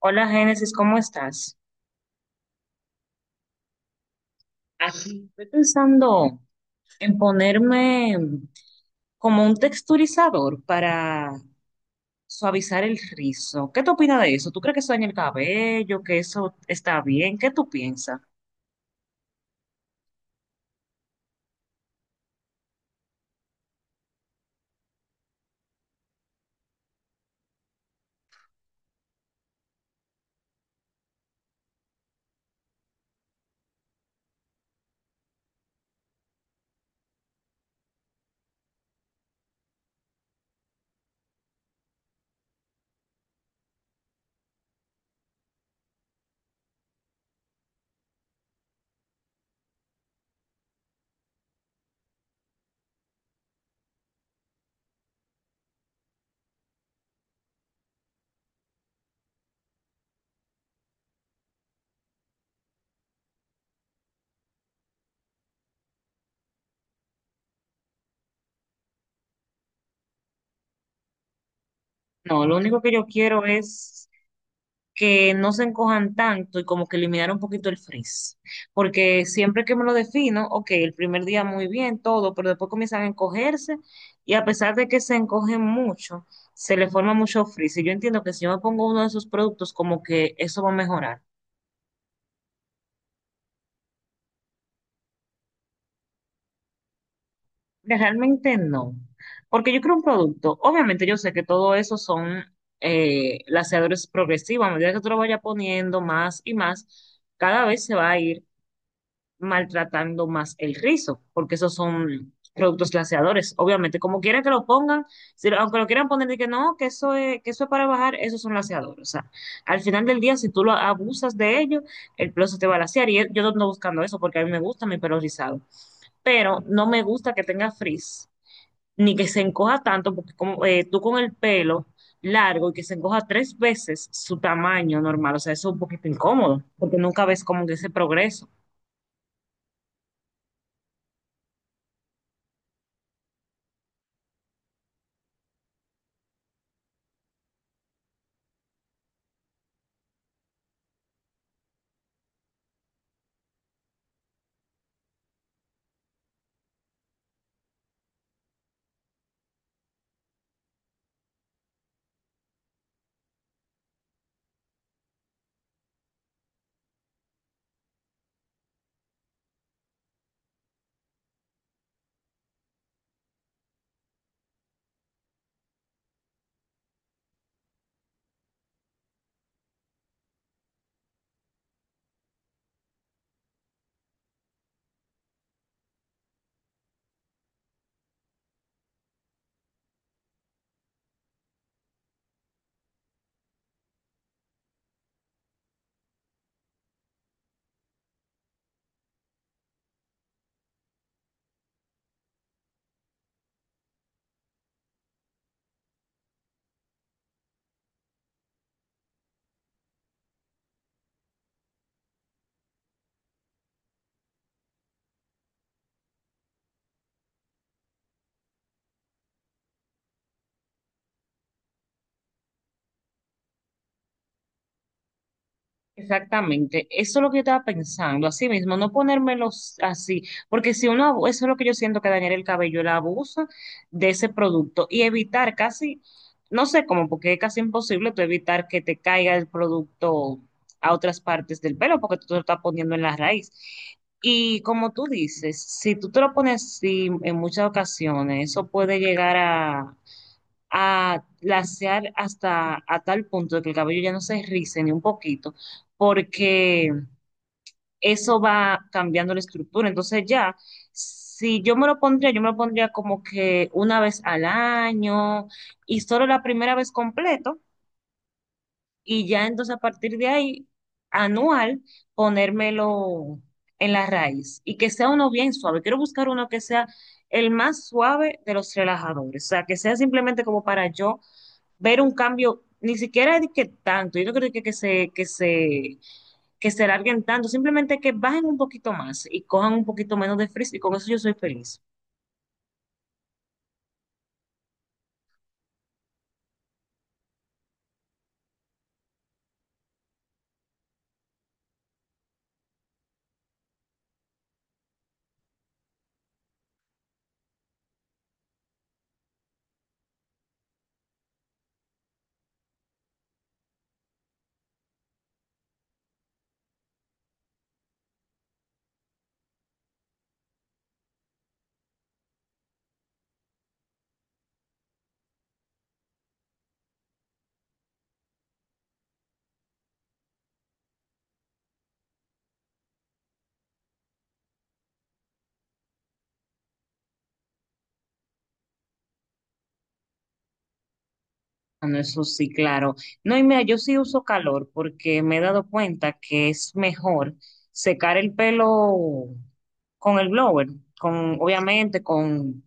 Hola Génesis, ¿cómo estás? Aquí estoy pensando en ponerme como un texturizador para suavizar el rizo. ¿Qué te opinas de eso? ¿Tú crees que eso daña el cabello, que eso está bien? ¿Qué tú piensas? No, lo único que yo quiero es que no se encojan tanto y como que eliminar un poquito el frizz. Porque siempre que me lo defino, ok, el primer día muy bien, todo, pero después comienzan a encogerse y a pesar de que se encogen mucho, se le forma mucho frizz. Y yo entiendo que si yo me pongo uno de esos productos, como que eso va a mejorar. Realmente no. Porque yo creo un producto, obviamente yo sé que todo eso son laseadores progresivos, a medida que tú lo vayas poniendo más y más, cada vez se va a ir maltratando más el rizo, porque esos son productos glaseadores. Obviamente, como quiera que lo pongan, aunque lo quieran poner de que no, que eso es para bajar, esos son glaseadores. O sea, al final del día, si tú lo abusas de ello, el pelo se te va a glasear. Y yo no ando buscando eso porque a mí me gusta mi pelo rizado, pero no me gusta que tenga frizz, ni que se encoja tanto, porque como, tú con el pelo largo y que se encoja tres veces su tamaño normal, o sea, eso es un poquito incómodo, porque nunca ves como que ese progreso. Exactamente, eso es lo que yo estaba pensando, así mismo, no ponérmelos así, porque si uno, eso es lo que yo siento que dañar el cabello, el abuso de ese producto y evitar casi, no sé cómo, porque es casi imposible tú evitar que te caiga el producto a otras partes del pelo, porque tú te lo estás poniendo en la raíz. Y como tú dices, si tú te lo pones así en muchas ocasiones, eso puede llegar a lasear hasta a tal punto de que el cabello ya no se rice ni un poquito, porque eso va cambiando la estructura. Entonces ya, si yo me lo pondría, yo me lo pondría como que una vez al año y solo la primera vez completo y ya entonces a partir de ahí, anual, ponérmelo en la raíz y que sea uno bien suave. Quiero buscar uno que sea el más suave de los relajadores, o sea, que sea simplemente como para yo ver un cambio, ni siquiera de que tanto, yo no creo que se larguen tanto, simplemente que bajen un poquito más y cojan un poquito menos de frizz y con eso yo soy feliz. Ah, no, eso sí, claro. No, y mira, yo sí uso calor porque me he dado cuenta que es mejor secar el pelo con el blower, con, obviamente con,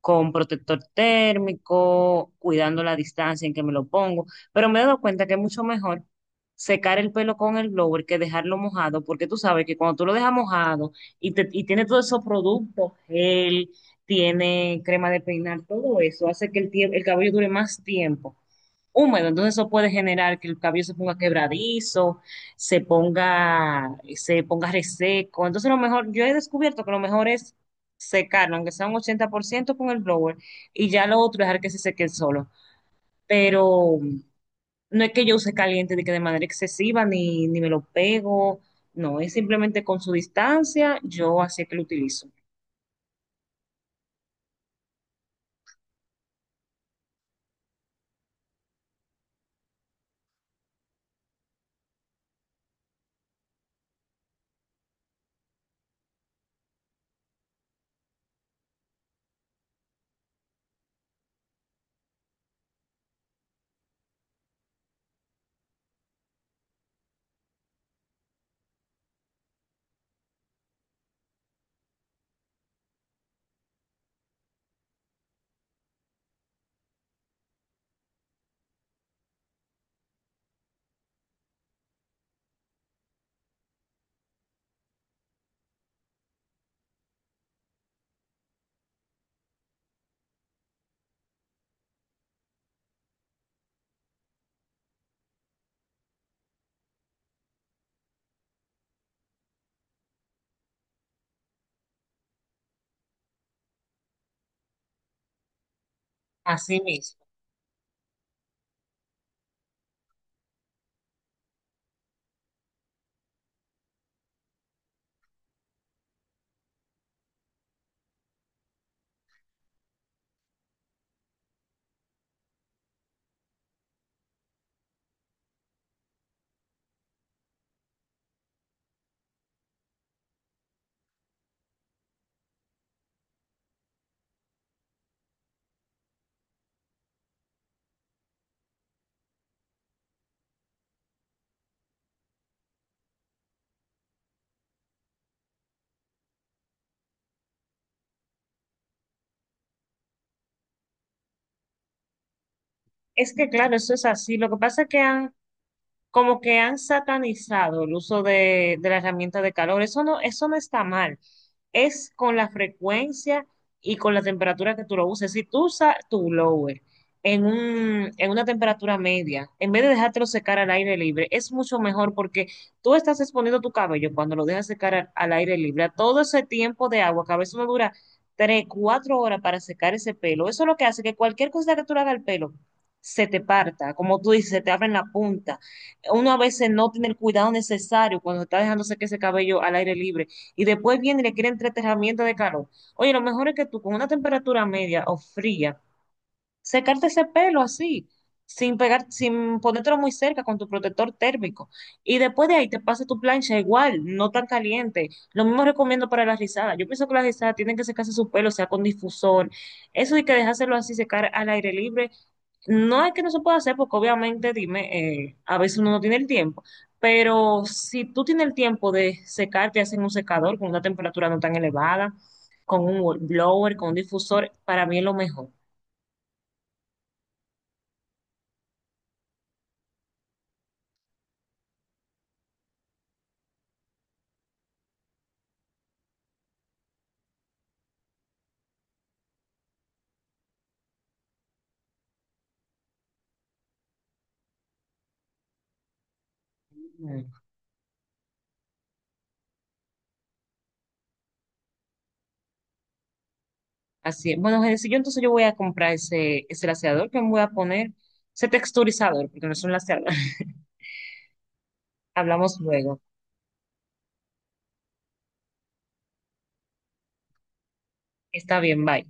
con protector térmico, cuidando la distancia en que me lo pongo, pero me he dado cuenta que es mucho mejor secar el pelo con el blower que dejarlo mojado, porque tú sabes que cuando tú lo dejas mojado y tiene todos esos productos, gel, tiene crema de peinar, todo eso hace que el cabello dure más tiempo húmedo, entonces eso puede generar que el cabello se ponga quebradizo, se ponga reseco. Entonces lo mejor, yo he descubierto que lo mejor es secarlo, aunque sea un 80% con el blower, y ya lo otro dejar que se seque solo. Pero no es que yo use caliente de que de manera excesiva, ni me lo pego, no, es simplemente con su distancia, yo así es que lo utilizo. Así mismo. Es que claro, eso es así. Lo que pasa es que han como que han satanizado el uso de la herramienta de calor. Eso no está mal. Es con la frecuencia y con la temperatura que tú lo uses. Si tú usas tu blower en una temperatura media, en vez de dejártelo secar al aire libre, es mucho mejor porque tú estás exponiendo tu cabello cuando lo dejas secar al aire libre. A todo ese tiempo de agua, que a veces uno dura 3, 4 horas para secar ese pelo. Eso es lo que hace que cualquier cosa que tú le hagas al pelo se te parta, como tú dices, se te abren la punta, uno a veces no tiene el cuidado necesario cuando está dejándose que ese cabello al aire libre y después viene y le quieren tres herramientas de calor. Oye, lo mejor es que tú con una temperatura media o fría, secarte ese pelo así, sin pegar, sin ponértelo muy cerca con tu protector térmico. Y después de ahí te pasa tu plancha igual, no tan caliente. Lo mismo recomiendo para las rizadas. Yo pienso que las rizadas tienen que secarse su pelo, o sea, con difusor. Eso de que dejárselo así secar al aire libre no es que no se pueda hacer, porque obviamente, dime, a veces uno no tiene el tiempo, pero si tú tienes el tiempo de secarte, hacen un secador con una temperatura no tan elevada, con un blower, con un difusor, para mí es lo mejor. Mm. Así es. Bueno, si yo entonces yo voy a comprar ese, ese laceador que me voy a poner, ese texturizador, porque no es un laceador. Hablamos luego. Está bien, bye.